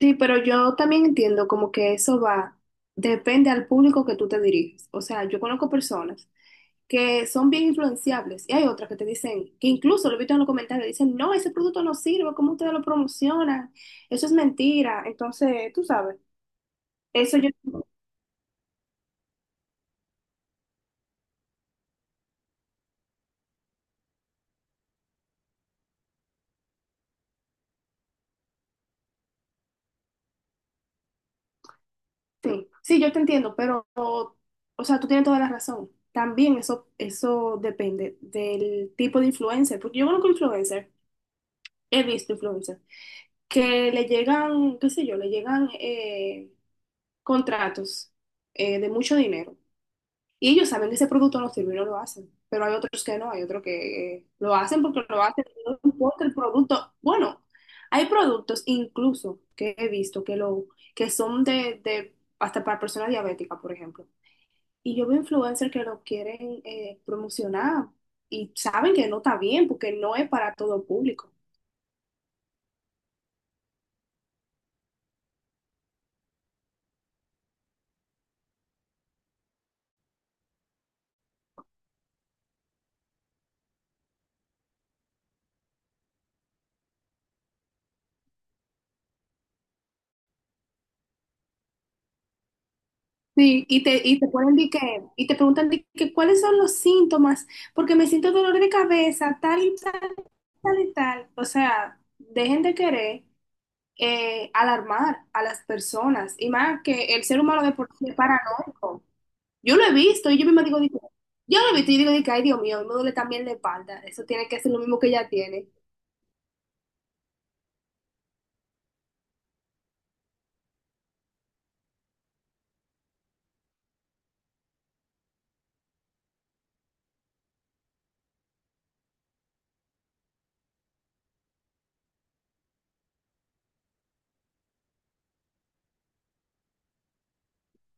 Sí, pero yo también entiendo como que eso va, depende al público que tú te diriges. O sea, yo conozco personas que son bien influenciables y hay otras que te dicen, que incluso lo he visto en los comentarios, dicen, no, ese producto no sirve, ¿cómo ustedes lo promocionan? Eso es mentira. Entonces, tú sabes, eso yo, sí, sí, yo te entiendo, pero, o sea, tú tienes toda la razón. También eso depende del tipo de influencer, porque yo conozco influencer, he visto influencer que le llegan, qué sé yo, le llegan contratos de mucho dinero. Y ellos saben que ese producto no sirve y no lo hacen. Pero hay otros que no, hay otros que lo hacen porque lo hacen, no importa el producto. Bueno, hay productos incluso que he visto que, lo, que son hasta para personas diabéticas, por ejemplo. Y yo veo influencers que lo quieren promocionar y saben que no está bien porque no es para todo público. Sí, y te ponen de que, y te preguntan de que cuáles son los síntomas, porque me siento dolor de cabeza, tal y tal, tal y tal. O sea, dejen de querer alarmar a las personas, y más que el ser humano de por sí es paranoico. Yo lo he visto, y yo misma digo, yo lo he visto, y digo, de que, ay, Dios mío, me duele también la espalda, eso tiene que ser lo mismo que ella tiene.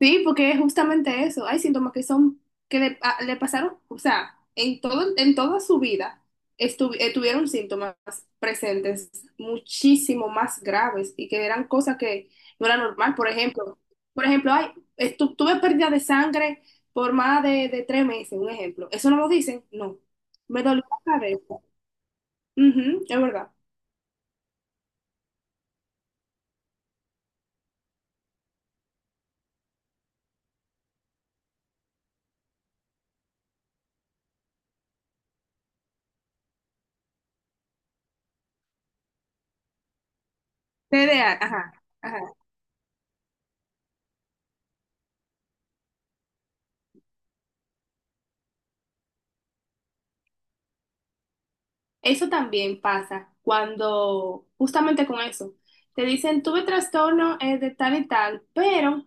Sí, porque es justamente eso. Hay síntomas que son, que le, le pasaron, o sea, en todo, en toda su vida tuvieron síntomas presentes muchísimo más graves y que eran cosas que no era normal. Por ejemplo, hay, tuve pérdida de sangre por más de 3 meses, un ejemplo. ¿Eso no lo dicen? No. Me dolió la cabeza. Ujú, es verdad. T TDA, ajá. Ajá. Eso también pasa cuando, justamente con eso, te dicen, tuve trastorno de tal y tal, pero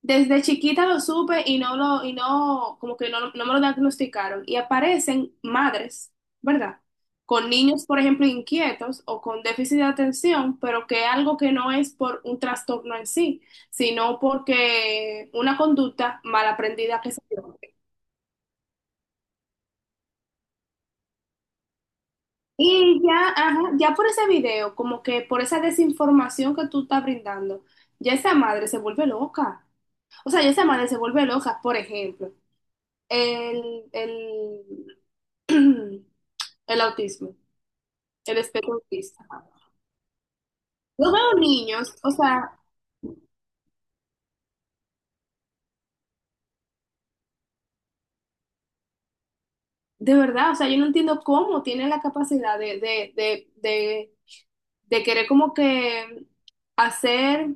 desde chiquita lo supe y no lo, y no, como que no me lo diagnosticaron. Y aparecen madres, ¿verdad? Con niños, por ejemplo, inquietos o con déficit de atención, pero que algo que no es por un trastorno en sí, sino porque una conducta mal aprendida que se dio. Y ya, ajá, ya por ese video, como que por esa desinformación que tú estás brindando, ya esa madre se vuelve loca. O sea, ya esa madre se vuelve loca, por ejemplo, el, el, el autismo, el espectro autista. Yo veo niños, o sea, de verdad, o sea, yo no entiendo cómo tienen la capacidad de querer como que hacer,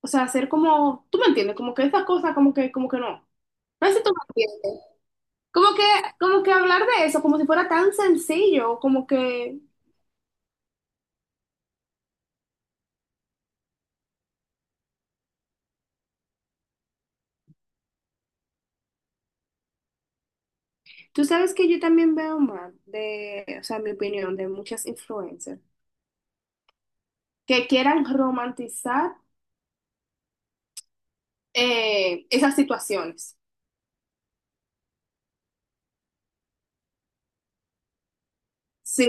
o sea, hacer como, tú me entiendes, como que esa cosa, como que no. No sé si tú me entiendes. Como que, como que hablar de eso, como si fuera tan sencillo, como que tú sabes que yo también veo mal de, o sea, mi opinión de muchas influencers que quieran romantizar esas situaciones. Sí.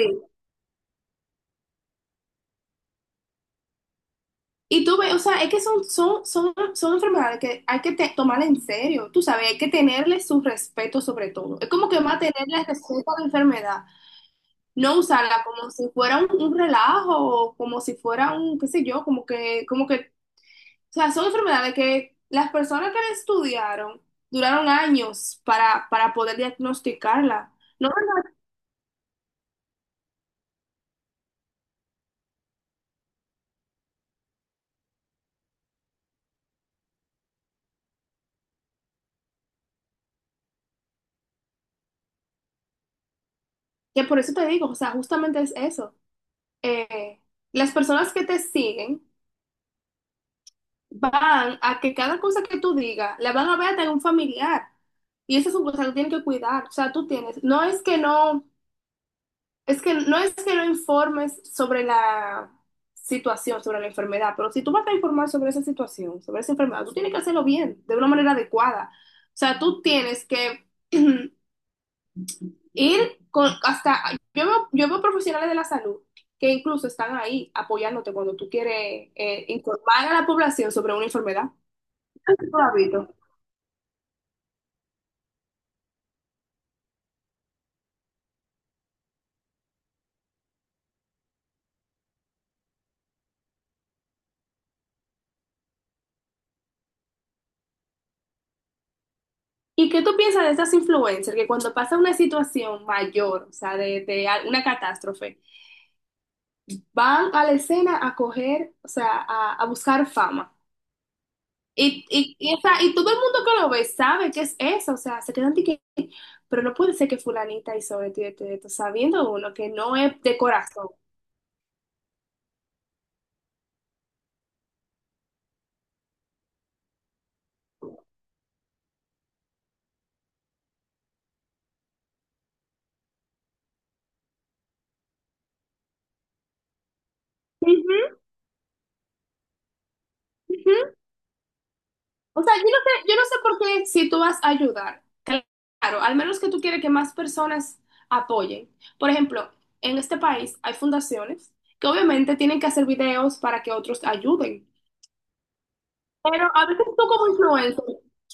Y tú ves, o sea, es que son enfermedades que hay que tomar en serio, tú sabes, hay que tenerle su respeto sobre todo. Es como que más tenerle respeto a la enfermedad, no usarla como si fuera un relajo o como si fuera un, qué sé yo, como que. O sea, son enfermedades que las personas que la estudiaron duraron años para poder diagnosticarla. No, que por eso te digo, o sea, justamente es eso. Eh, las personas que te siguen van a que cada cosa que tú digas la van a ver hasta en un familiar. Y eso es un cosa que tienen que cuidar. O sea, tú tienes, no es que no. Es que no es que no informes sobre la situación, sobre la enfermedad, pero si tú vas a informar sobre esa situación, sobre esa enfermedad, tú tienes que hacerlo bien, de una manera adecuada. O sea, tú tienes que ir con hasta, yo veo profesionales de la salud que incluso están ahí apoyándote cuando tú quieres informar a la población sobre una enfermedad. Tú has visto. ¿Y qué tú piensas de esas influencers que cuando pasa una situación mayor, o sea, de una catástrofe, van a la escena a coger, o sea, a buscar fama. Y, o sea, y todo el mundo que lo ve sabe que es eso, o sea, se quedan de que, pero no puede ser que fulanita hizo esto y esto y esto, sabiendo uno que no es de corazón. Ujú, ujú. O sea, yo no sé por qué si tú vas a ayudar, claro, al menos que tú quieres que más personas apoyen. Por ejemplo, en este país hay fundaciones que obviamente tienen que hacer videos para que otros ayuden. Pero a veces tú como influencer,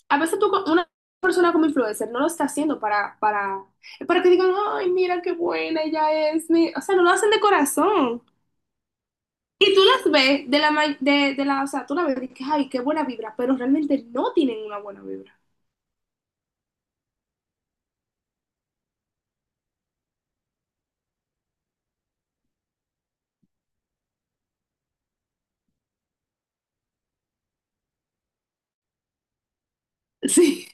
a veces una persona como influencer no lo está haciendo para, que digan, ay, mira qué buena ella es. O sea, no lo hacen de corazón. Y tú las ves de la, o sea, tú la ves y dices, ay, qué buena vibra, pero realmente no tienen una buena vibra. Sí,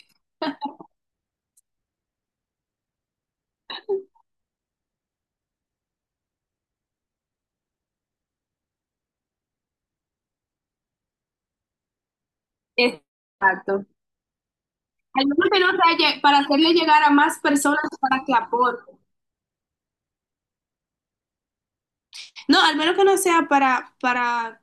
exacto. Al menos que no sea para hacerle llegar a más personas para que aporten. No, al menos que no sea para, para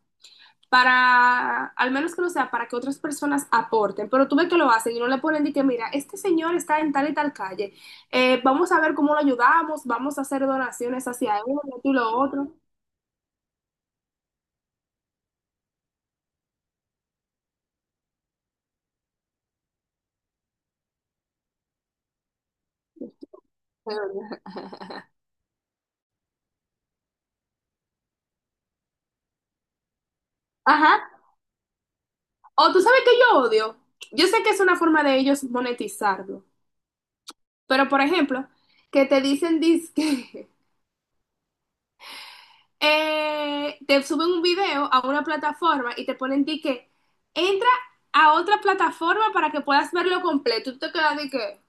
para, al menos que no sea, para que otras personas aporten, pero tú ves que lo hacen y no le ponen de que, mira, este señor está en tal y tal calle, vamos a ver cómo lo ayudamos, vamos a hacer donaciones hacia él, tú lo otro. Ajá. O tú sabes que yo odio. Yo sé que es una forma de ellos monetizarlo, pero por ejemplo, que te dicen disque, te suben un video a una plataforma y te ponen que entra a otra plataforma para que puedas verlo completo. Tú te quedas de que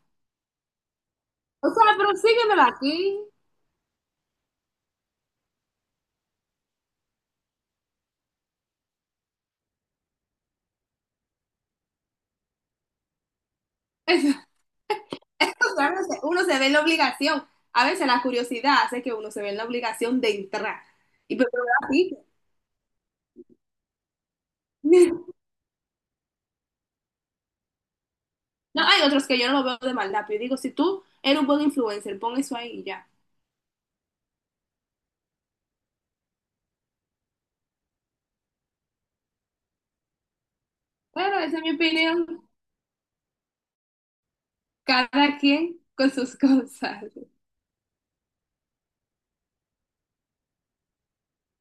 O sea, pero síguemelo aquí. O sea, uno se ve en la obligación. A veces la curiosidad hace que uno se ve en la obligación de entrar. Y pero así. No, hay otros que yo no lo veo de maldad, pero yo digo, si tú eres un buen influencer, pon eso ahí y ya. Bueno, esa es mi opinión. Cada quien con sus cosas.